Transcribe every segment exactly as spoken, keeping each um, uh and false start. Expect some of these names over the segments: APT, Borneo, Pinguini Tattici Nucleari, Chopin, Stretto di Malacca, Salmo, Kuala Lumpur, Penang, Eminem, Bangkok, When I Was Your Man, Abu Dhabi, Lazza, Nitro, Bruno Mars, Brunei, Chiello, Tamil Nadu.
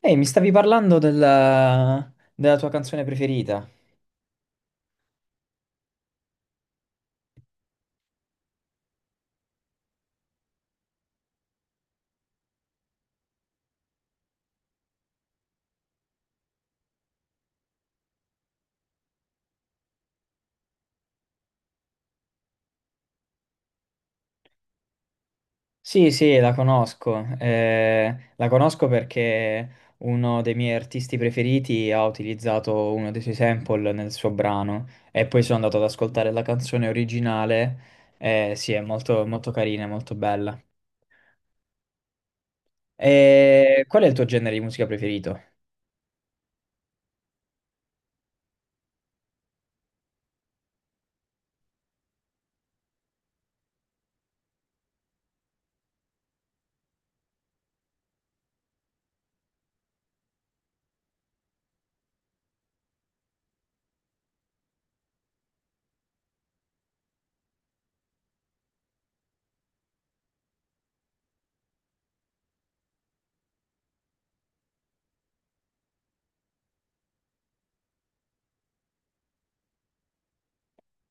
Ehi, mi stavi parlando della, della tua canzone preferita? Sì, sì, la conosco. Eh, la conosco perché uno dei miei artisti preferiti ha utilizzato uno dei suoi sample nel suo brano e poi sono andato ad ascoltare la canzone originale. Eh, sì, è molto, molto carina, molto bella. E qual è il tuo genere di musica preferito?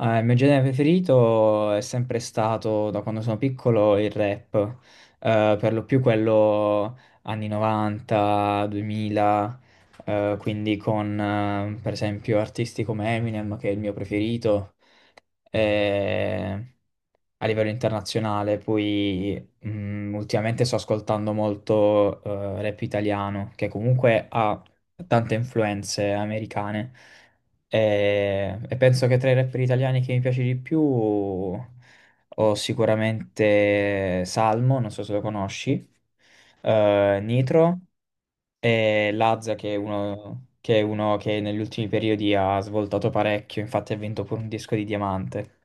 Ah, il mio genere preferito è sempre stato, da quando sono piccolo, il rap. Eh, per lo più quello anni novanta, duemila, eh, quindi con eh, per esempio artisti come Eminem, che è il mio preferito, eh, a livello internazionale. Poi mm, ultimamente sto ascoltando molto eh, rap italiano, che comunque ha tante influenze americane. E, e penso che tra i rapper italiani che mi piace di più ho sicuramente Salmo, non so se lo conosci, eh, Nitro. E Lazza, che è uno che, è uno che negli ultimi periodi ha svoltato parecchio, infatti ha vinto pure un disco di diamante.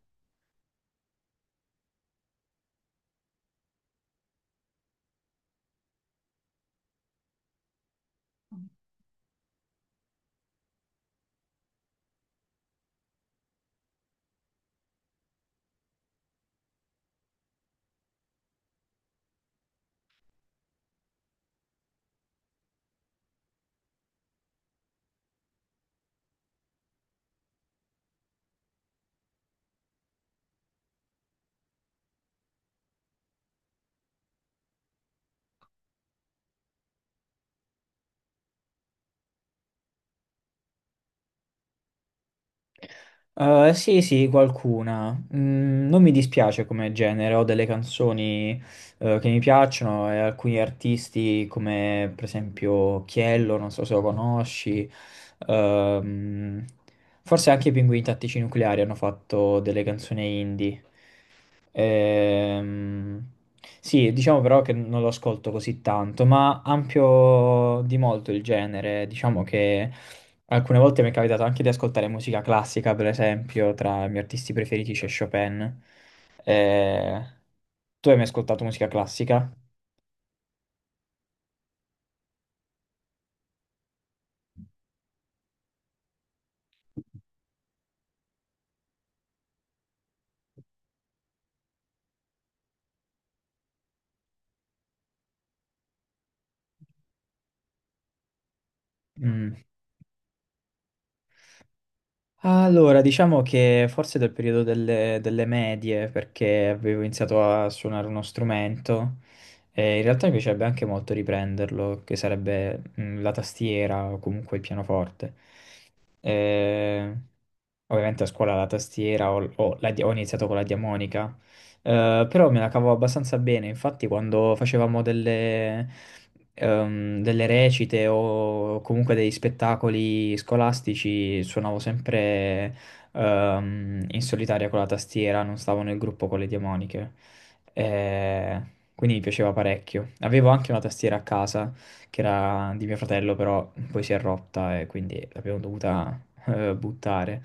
Eh, sì, sì, qualcuna. Mm, non mi dispiace come genere, ho delle canzoni eh, che mi piacciono e alcuni artisti come per esempio Chiello, non so se lo conosci. ehm, Forse anche i Pinguini Tattici Nucleari hanno fatto delle canzoni indie. Ehm, sì, diciamo però che non lo ascolto così tanto, ma ampio di molto il genere. Diciamo che alcune volte mi è capitato anche di ascoltare musica classica, per esempio, tra i miei artisti preferiti c'è Chopin. Eh, tu hai mai ascoltato musica classica? Mm. Allora, diciamo che forse dal periodo delle, delle medie, perché avevo iniziato a suonare uno strumento, e in realtà mi piacerebbe anche molto riprenderlo, che sarebbe mm, la tastiera o comunque il pianoforte. Eh, ovviamente a scuola la tastiera ho, ho la di- ho iniziato con la diamonica. Eh, però me la cavo abbastanza bene. Infatti, quando facevamo delle, ehm, delle recite o comunque dei spettacoli scolastici, suonavo sempre ehm, in solitaria con la tastiera, non stavo nel gruppo con le diamoniche. Eh, quindi mi piaceva parecchio. Avevo anche una tastiera a casa che era di mio fratello, però poi si è rotta e quindi l'abbiamo dovuta eh, buttare.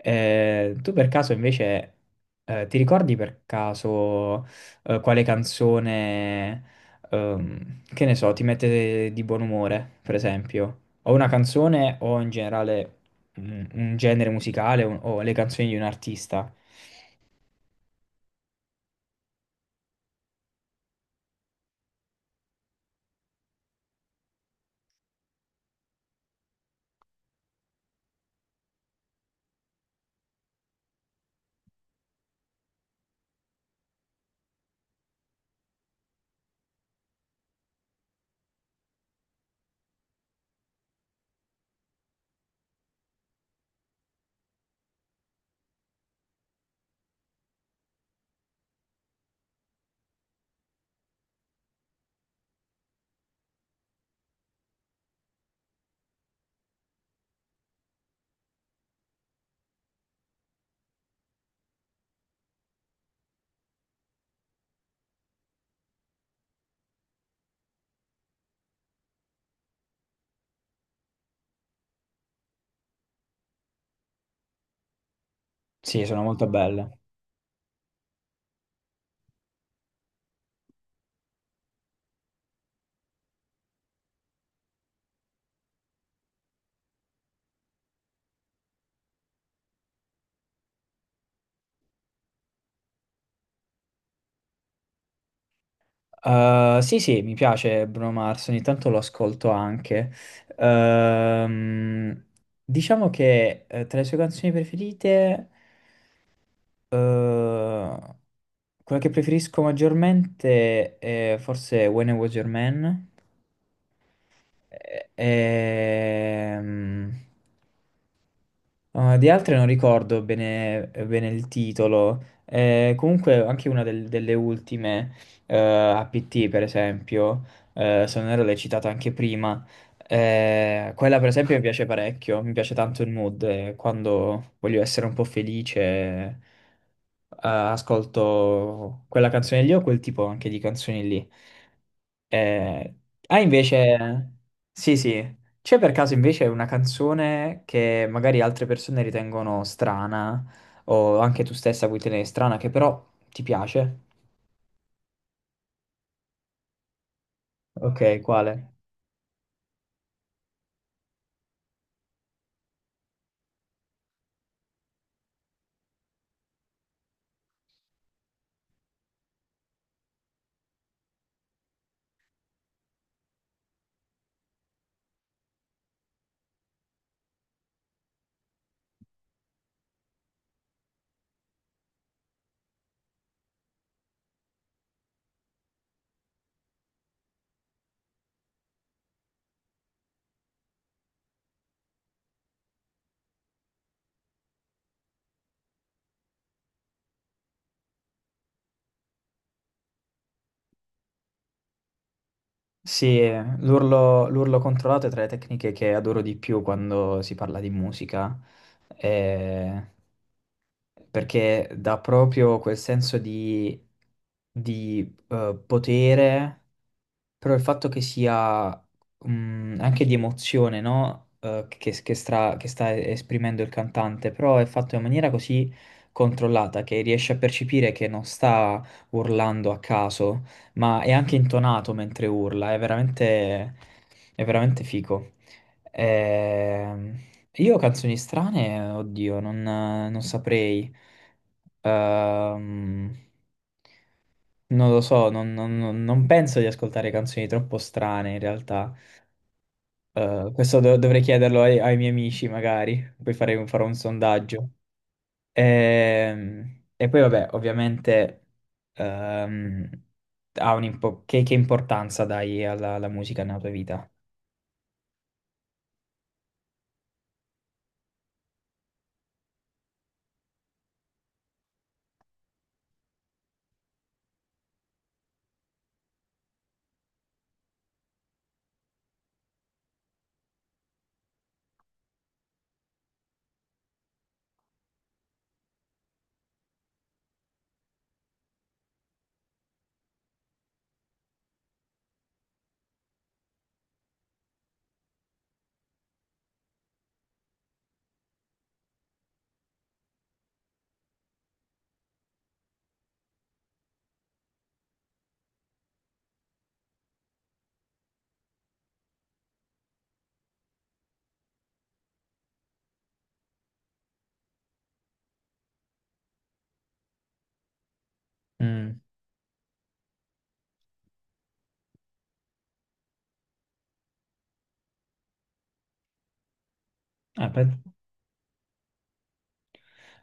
Eh, tu per caso invece eh, ti ricordi per caso eh, quale canzone, ehm, che ne so, ti mette di buon umore, per esempio? O una canzone o in generale un, un genere musicale o o le canzoni di un artista? Sì, sono molto belle. Uh, sì, sì, mi piace Bruno Mars, ogni tanto lo ascolto anche. Ehm, diciamo che eh, tra le sue canzoni preferite Eh, quella che preferisco maggiormente è forse When I Was Your Man. E- ehm, Ah, di altre non ricordo bene, bene il titolo. Eh, comunque anche una del- delle ultime, eh, A P T per esempio, eh, se non ero l'hai citata anche prima, eh, quella per esempio mi piace parecchio, mi piace tanto il mood, eh, quando voglio essere un po' felice, eh, ascolto quella canzone lì o quel tipo anche di canzoni lì. Eh, ah, invece, sì, sì, c'è per caso invece una canzone che magari altre persone ritengono strana, o anche tu stessa puoi tenere strana, che però ti piace? Ok, quale? Sì, l'urlo l'urlo controllato è tra le tecniche che adoro di più quando si parla di musica, eh, perché dà proprio quel senso di, di eh, potere. Però il fatto che sia mm, anche di emozione, no? Eh, che, che stra- che sta esprimendo il cantante, però è fatto in maniera così controllata che riesce a percepire che non sta urlando a caso, ma è anche intonato mentre urla, è veramente, è veramente figo. Ehm, io canzoni strane, oddio, non, non saprei. Ehm, Non lo so, non, non- non- non penso di ascoltare canzoni troppo strane in realtà. Eh, questo do- dovrei chiederlo ai, ai miei amici magari, poi farei un- farò un sondaggio. Ehm, E, poi vabbè, ovviamente ehm, ha un impo- che, che importanza dai alla, alla musica nella tua vita? Mm. Ah, beh.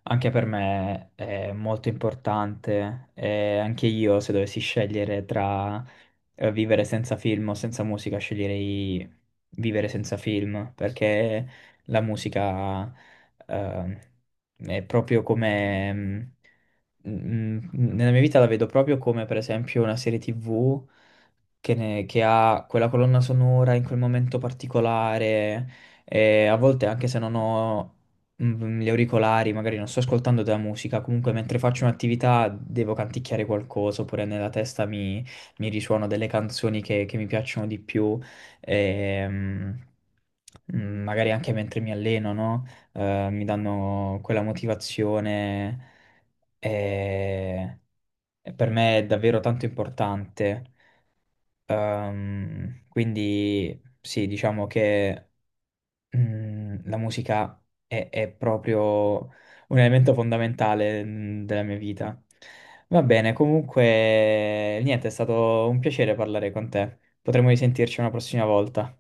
Anche per me è molto importante, e anche io se dovessi scegliere tra eh, vivere senza film o senza musica, sceglierei vivere senza film, perché la musica eh, è proprio come... mm, mm, nella mia vita la vedo proprio come per esempio una serie T V che, ne- che ha quella colonna sonora in quel momento particolare e a volte anche se non ho mm, gli auricolari, magari non sto ascoltando della musica, comunque mentre faccio un'attività devo canticchiare qualcosa oppure nella testa mi, mi risuono delle canzoni che, che mi piacciono di più. ehm, mm, Magari anche mentre mi alleno, no? Eh, mi danno quella motivazione e e per me è davvero tanto importante. Ehm, quindi sì, diciamo che mm, la musica è, è proprio un elemento fondamentale mm, della mia vita. Va bene, comunque niente, è stato un piacere parlare con te. Potremmo risentirci una prossima volta.